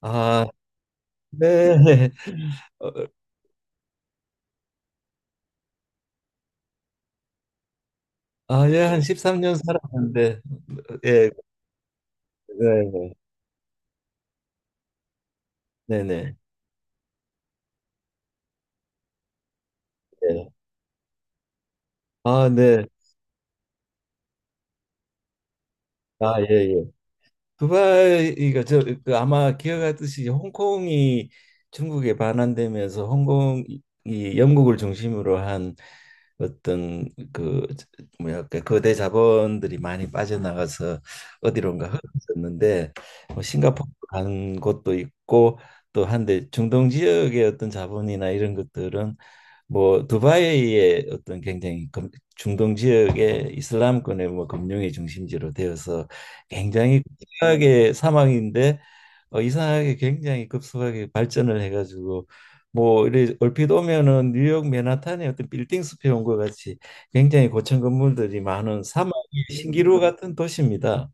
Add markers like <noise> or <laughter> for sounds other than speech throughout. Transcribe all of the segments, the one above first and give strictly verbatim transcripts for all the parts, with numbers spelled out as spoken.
아, 네. <laughs> 어, 아, 예, 한 십삼 년 살았는데, 예. 네, 네, 네, 네. 아, 네. 아, 예, 예. 두바이가 저, 그 아마 기억하듯이 홍콩이 중국에 반환되면서, 홍콩이 영국을 중심으로 한 어떤 그 뭐랄까 거대 자본들이 많이 빠져나가서 어디론가 흩어졌는데, 뭐 싱가포르 간 곳도 있고, 또 한데 중동 지역의 어떤 자본이나 이런 것들은 뭐 두바이의 어떤 굉장히 금- 중동 지역의 이슬람권의 뭐 금융의 중심지로 되어서 굉장히 급하게 사망인데, 어, 이상하게 굉장히 급속하게 발전을 해가지고, 뭐 이래 얼핏 오면은 뉴욕 맨하탄의 어떤 빌딩 숲에 온 것 같이 굉장히 고층 건물들이 많은 사막의 신기루 같은 도시입니다.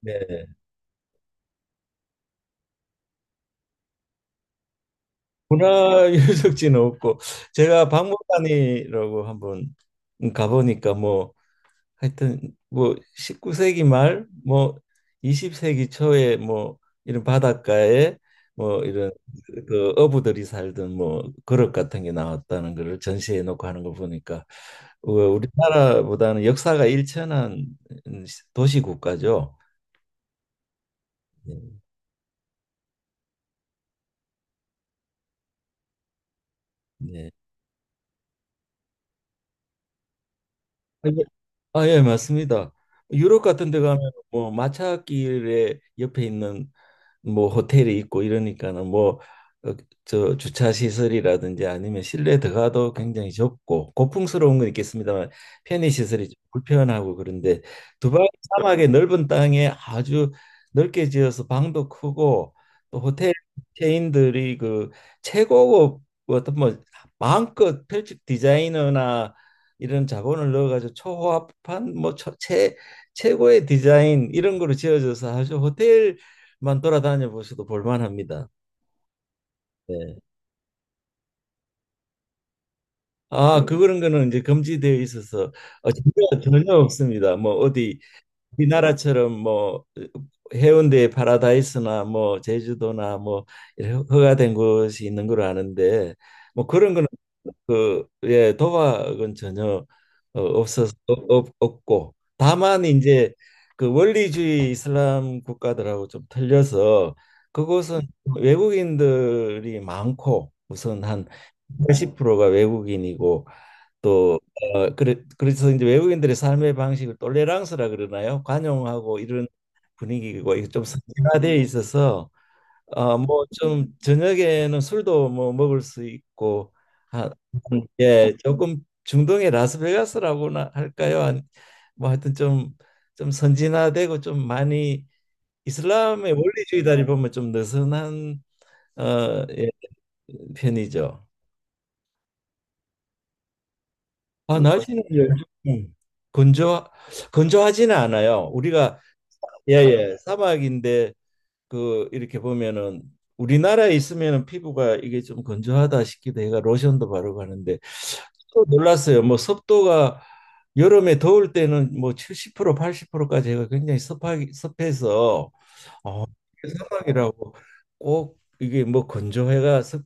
네. 문화 유적지는 없고, 제가 박물관이라고 한번 가보니까, 뭐 하여튼 뭐 십구 세기 말, 뭐 이십 세기 초에 뭐 이런 바닷가에 뭐 이런 그 어부들이 살던 뭐 그릇 같은 게 나왔다는 거를 전시해 놓고 하는 거 보니까, 어, 우리나라보다는 역사가 일천한 도시 국가죠. 네. 네. 아, 예. 아, 예, 맞습니다. 유럽 같은 데 가면 뭐 마차길에 옆에 있는 뭐 호텔이 있고 이러니까는, 뭐 어, 저 주차 시설이라든지 아니면 실내 들어가도 굉장히 좁고 고풍스러운 건 있겠습니다만 편의 시설이 좀 불편하고 그런데, 두바이 사막의 넓은 땅에 아주 넓게 지어서 방도 크고, 또 호텔 체인들이 그 최고급 어떤 뭐 마음껏 별집 디자이너나 이런 자본을 넣어가지고 초호화판 뭐 최, 최고의 디자인 이런 거로 지어져서, 아주 호텔 만 돌아다녀 보셔도 볼만합니다. 네. 아, 그, 그런 거는 이제 금지되어 있어서 어, 전혀, 전혀 없습니다. 뭐 어디 우리나라처럼 뭐 해운대의 파라다이스나 뭐 제주도나 뭐 이렇게 허가된 곳이 있는 걸 아는데, 뭐 그런 거는 그 예 도박은 전혀 어, 없어서 없, 없고, 다만 이제 그 원리주의 이슬람 국가들하고 좀 틀려서 그곳은 외국인들이 많고, 우선 한 팔십 프로가 외국인이고, 또 어, 그래, 그래서 이제 외국인들의 삶의 방식을 똘레랑스라 그러나요? 관용하고 이런 분위기고, 이게 좀 선진화되어 있어서 어, 뭐좀 저녁에는 술도 뭐 먹을 수 있고, 한- 예, 조금 중동의 라스베가스라고나 할까요? 한, 뭐 하여튼 좀 좀 선진화되고 좀 많이 이슬람의 원리주의다리 보면 좀 느슨한 어, 예, 편이죠. 아, 그래서 날씨는 예, 좀 건조 건조하지는 않아요. 우리가 예예 사막인데 그 이렇게 보면은, 우리나라에 있으면은 피부가 이게 좀 건조하다 싶기도 해가 로션도 바르고 하는데, 또 놀랐어요. 뭐 습도가 여름에 더울 때는 뭐 칠십 프로 팔십 프로까지 해가 굉장히 습하 습해서, 사막이라고 꼭 이게 뭐 건조해가 습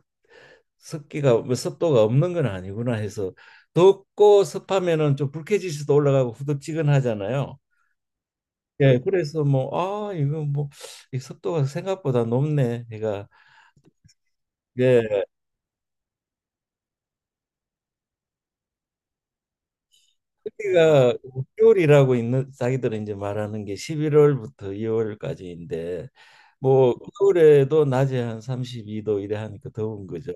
습기가 뭐 습도가 없는 건 아니구나 해서, 덥고 습하면은 좀 불쾌지수도 올라가고 후덥지근하잖아요. 예, 그래서 뭐 아 이거 뭐이 습도가 생각보다 높네. 제가 예, 여기가 겨울이라고 있는 자기들은 이제 말하는 게 십일월부터 이월까지인데, 뭐 겨울에도 낮에 한 삼십이 도 이래 하니까 더운 거죠.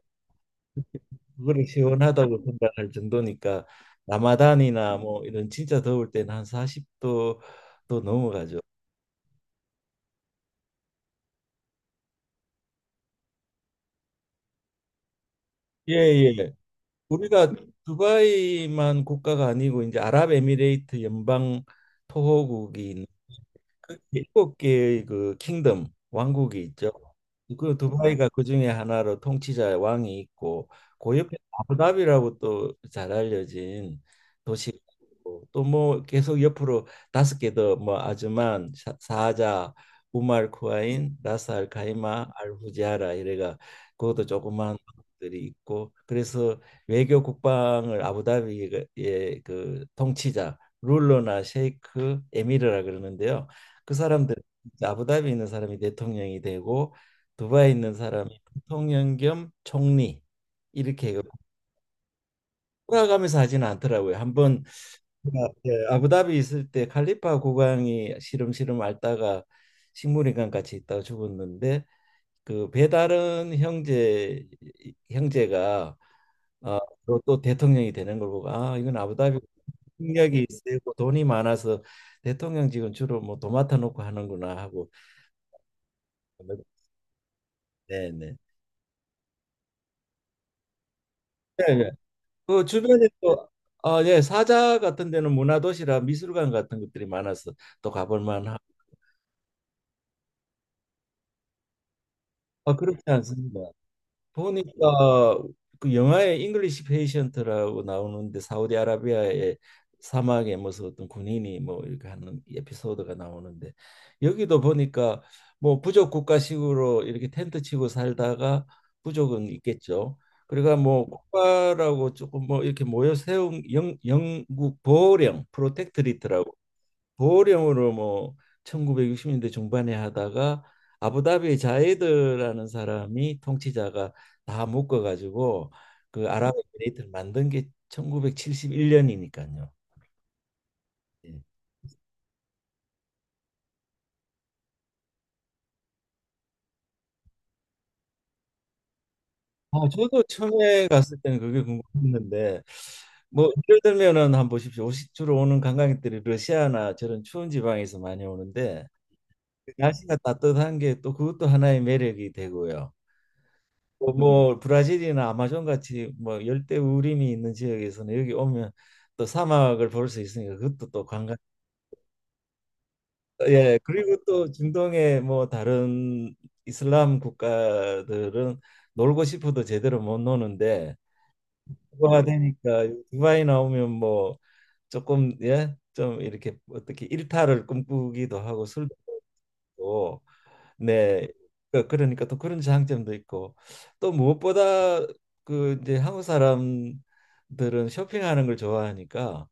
그걸 시원하다고 생각할 정도니까, 라마단이나 뭐 이런 진짜 더울 때는 한 사십 도 또 넘어가죠. 예, 예. 우리가 두바이만 국가가 아니고 이제 아랍에미레이트 연방 토호국이 그 일곱 개의 그 킹덤 왕국이 있죠. 그 두바이가 그 중에 하나로 통치자 왕이 있고, 그 옆에 아부다비라고 또 잘 알려진 도시가 있고, 또 뭐 계속 옆으로 다섯 개 더 뭐 아즈만, 샤- 사자, 우말 쿠아인, 라스 알 카이마, 알 후지아라 이래가 그것도 조그만 들이 있고, 그래서 외교 국방을 아부다비의 그 통치자 룰러나 셰이크 에미르라 그러는데요. 그 사람들 아부다비에 있는 사람이 대통령이 되고, 두바이에 있는 사람이 대통령 겸 총리, 이렇게 해 돌아가면서 하지는 않더라고요. 한번 제가, 예, 아부다비 있을 때 칼리파 국왕이 시름시름 앓다가 식물인간 같이 있다가 죽었는데, 그 배다른 형제 형제가 또, 또 대통령이 되는 걸 보고, 아 이건 아부다비 능력이 세고 돈이 많아서 대통령직은 주로 뭐 도맡아 놓고 하는구나 하고. 네네. 네. 그 주변에 또 어, 예, 사자 같은 데는 문화도시라 미술관 같은 것들이 많아서 또 가볼 만하고. 아, 그렇지 않습니다. 보니까 그 영화에 잉글리시 페이션트라고 나오는데, 사우디아라비아의 사막에 무슨 어떤 군인이 뭐 이렇게 하는 에피소드가 나오는데, 여기도 보니까 뭐 부족 국가식으로 이렇게 텐트 치고 살다가, 부족은 있겠죠. 그러니까 뭐 국가라고 조금 뭐 이렇게 모여 세운 영, 영국 보호령 프로텍트리트라고 보령으로 뭐 천구백육십 년대 중반에 하다가 아부다비 자이드라는 사람이 통치자가 다 묶어가지고 그 아랍에미레이트를 만든 게 일천구백칠십일 년이니까요. 아, 저도 처음에 갔을 때는 그게 궁금했는데, 뭐 예를 들면은 한번 보십시오. 오시- 주로 오는 관광객들이 러시아나 저런 추운 지방에서 많이 오는데, 날씨가 따뜻한 게 또 그것도 하나의 매력이 되고요. 뭐, 뭐 브라질이나 아마존 같이 뭐 열대 우림이 있는 지역에서는 여기 오면 또 사막을 볼 수 있으니까, 그것도 또 관광. 예, 그리고 또 중동의 뭐 다른 이슬람 국가들은 놀고 싶어도 제대로 못 노는데, 그가 되니까 두바이 나오면 뭐 조금 예, 좀 이렇게 어떻게 일탈을 꿈꾸기도 하고 술도 먹고. 네. 그- 그러니까 또 그런 장점도 있고, 또 무엇보다 그 이제 한국 사람들은 쇼핑하는 걸 좋아하니까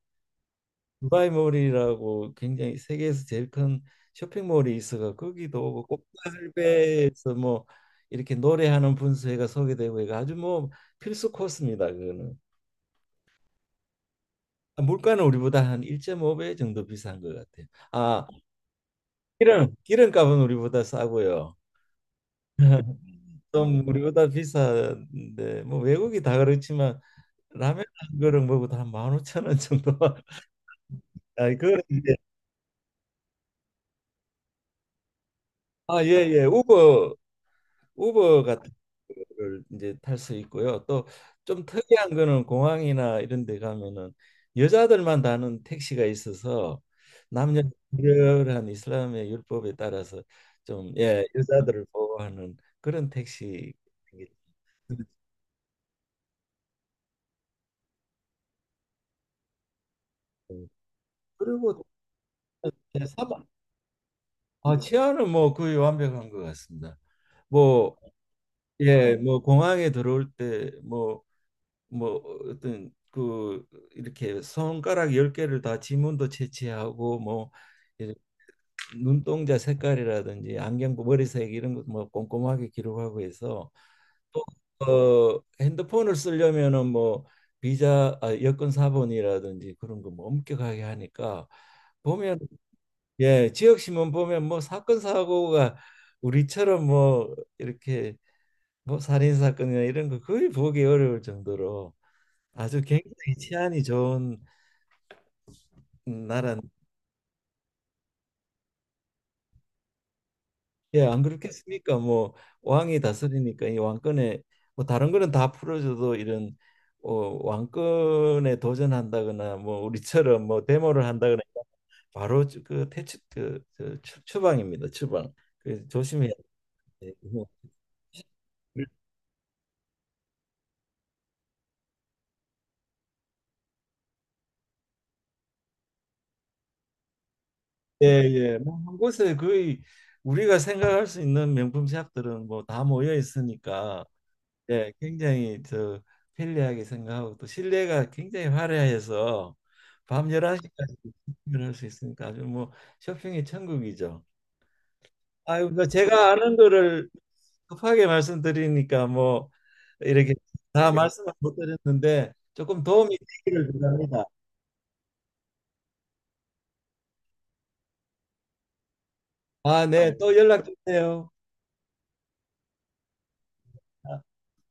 두바이몰이라고 굉장히 세계에서 제일 큰 쇼핑몰이 있어가 거기도 오고, 꽃갈배에서 뭐 이렇게 노래하는 분수회가 소개되고 해가 아주 뭐 필수 코스입니다. 그거는. 아, 물가는 우리보다 한 일 점 오 배 정도 비싼 것 같아요. 아 기름 기름값은 우리보다 싸고요. <laughs> 좀 우리보다 비싼데 뭐 외국이 다 그렇지만, 라면 한 그릇 먹어도 한 만 오천 원 정도. <laughs> 아, 그런 이제. 아, 예, 예. 우버 우버 같은 거를 이제 탈 수 있고요. 또 좀 특이한 거는 공항이나 이런 데 가면은 여자들만 타는 택시가 있어서, 남녀 불결한 이슬람의 율법에 따라서 좀 예, 여자들을 보호하는 그런 택시. 그리고 아, 치아는 뭐 거의 완벽한 것 같습니다. 뭐, 예, 뭐 공항에 들어올 때 뭐 뭐 어떤 그 이렇게 손가락 열개를다 지문도 채취하고, 뭐 이런 눈동자 색깔이라든지 안경 머리색 이런 것도 뭐 꼼꼼하게 기록하고 해서, 또 어, 핸드폰을 쓰려면은 뭐 비자 아, 여권 사본이라든지 그런 거 뭐 엄격하게 하니까, 보면 예, 지역 신문 보면 뭐 사건 사고가 우리처럼 뭐 이렇게 뭐 살인 사건이나 이런 거 거의 보기 어려울 정도로 아주 굉장히 치안이 좋은 나라. 예, 안 그렇겠습니까? 뭐 왕이 다스리니까 이 왕권에 뭐 다른 거는 다 풀어줘도 이런 어, 왕권에 도전한다거나 뭐 우리처럼 뭐 데모를 한다거나, 바로 그 퇴출 그, 그 추- 추방입니다. 추방. 그 조심해야 돼. 예예 뭐한 곳에 거의 우리가 생각할 수 있는 명품 샵들은 뭐 다 모여 있으니까, 예 굉장히 저 편리하게 생각하고 또 실내가 굉장히 화려해서, 밤 열한 시까지 쇼핑을 할 수 있으니까 아주 뭐 쇼핑의 천국이죠. 아유 뭐 제가 아는 거를 급하게 말씀드리니까 뭐 이렇게 다 말씀을 못 드렸는데, 조금 도움이 되기를 바랍니다. 아, 네. 또 연락 주세요.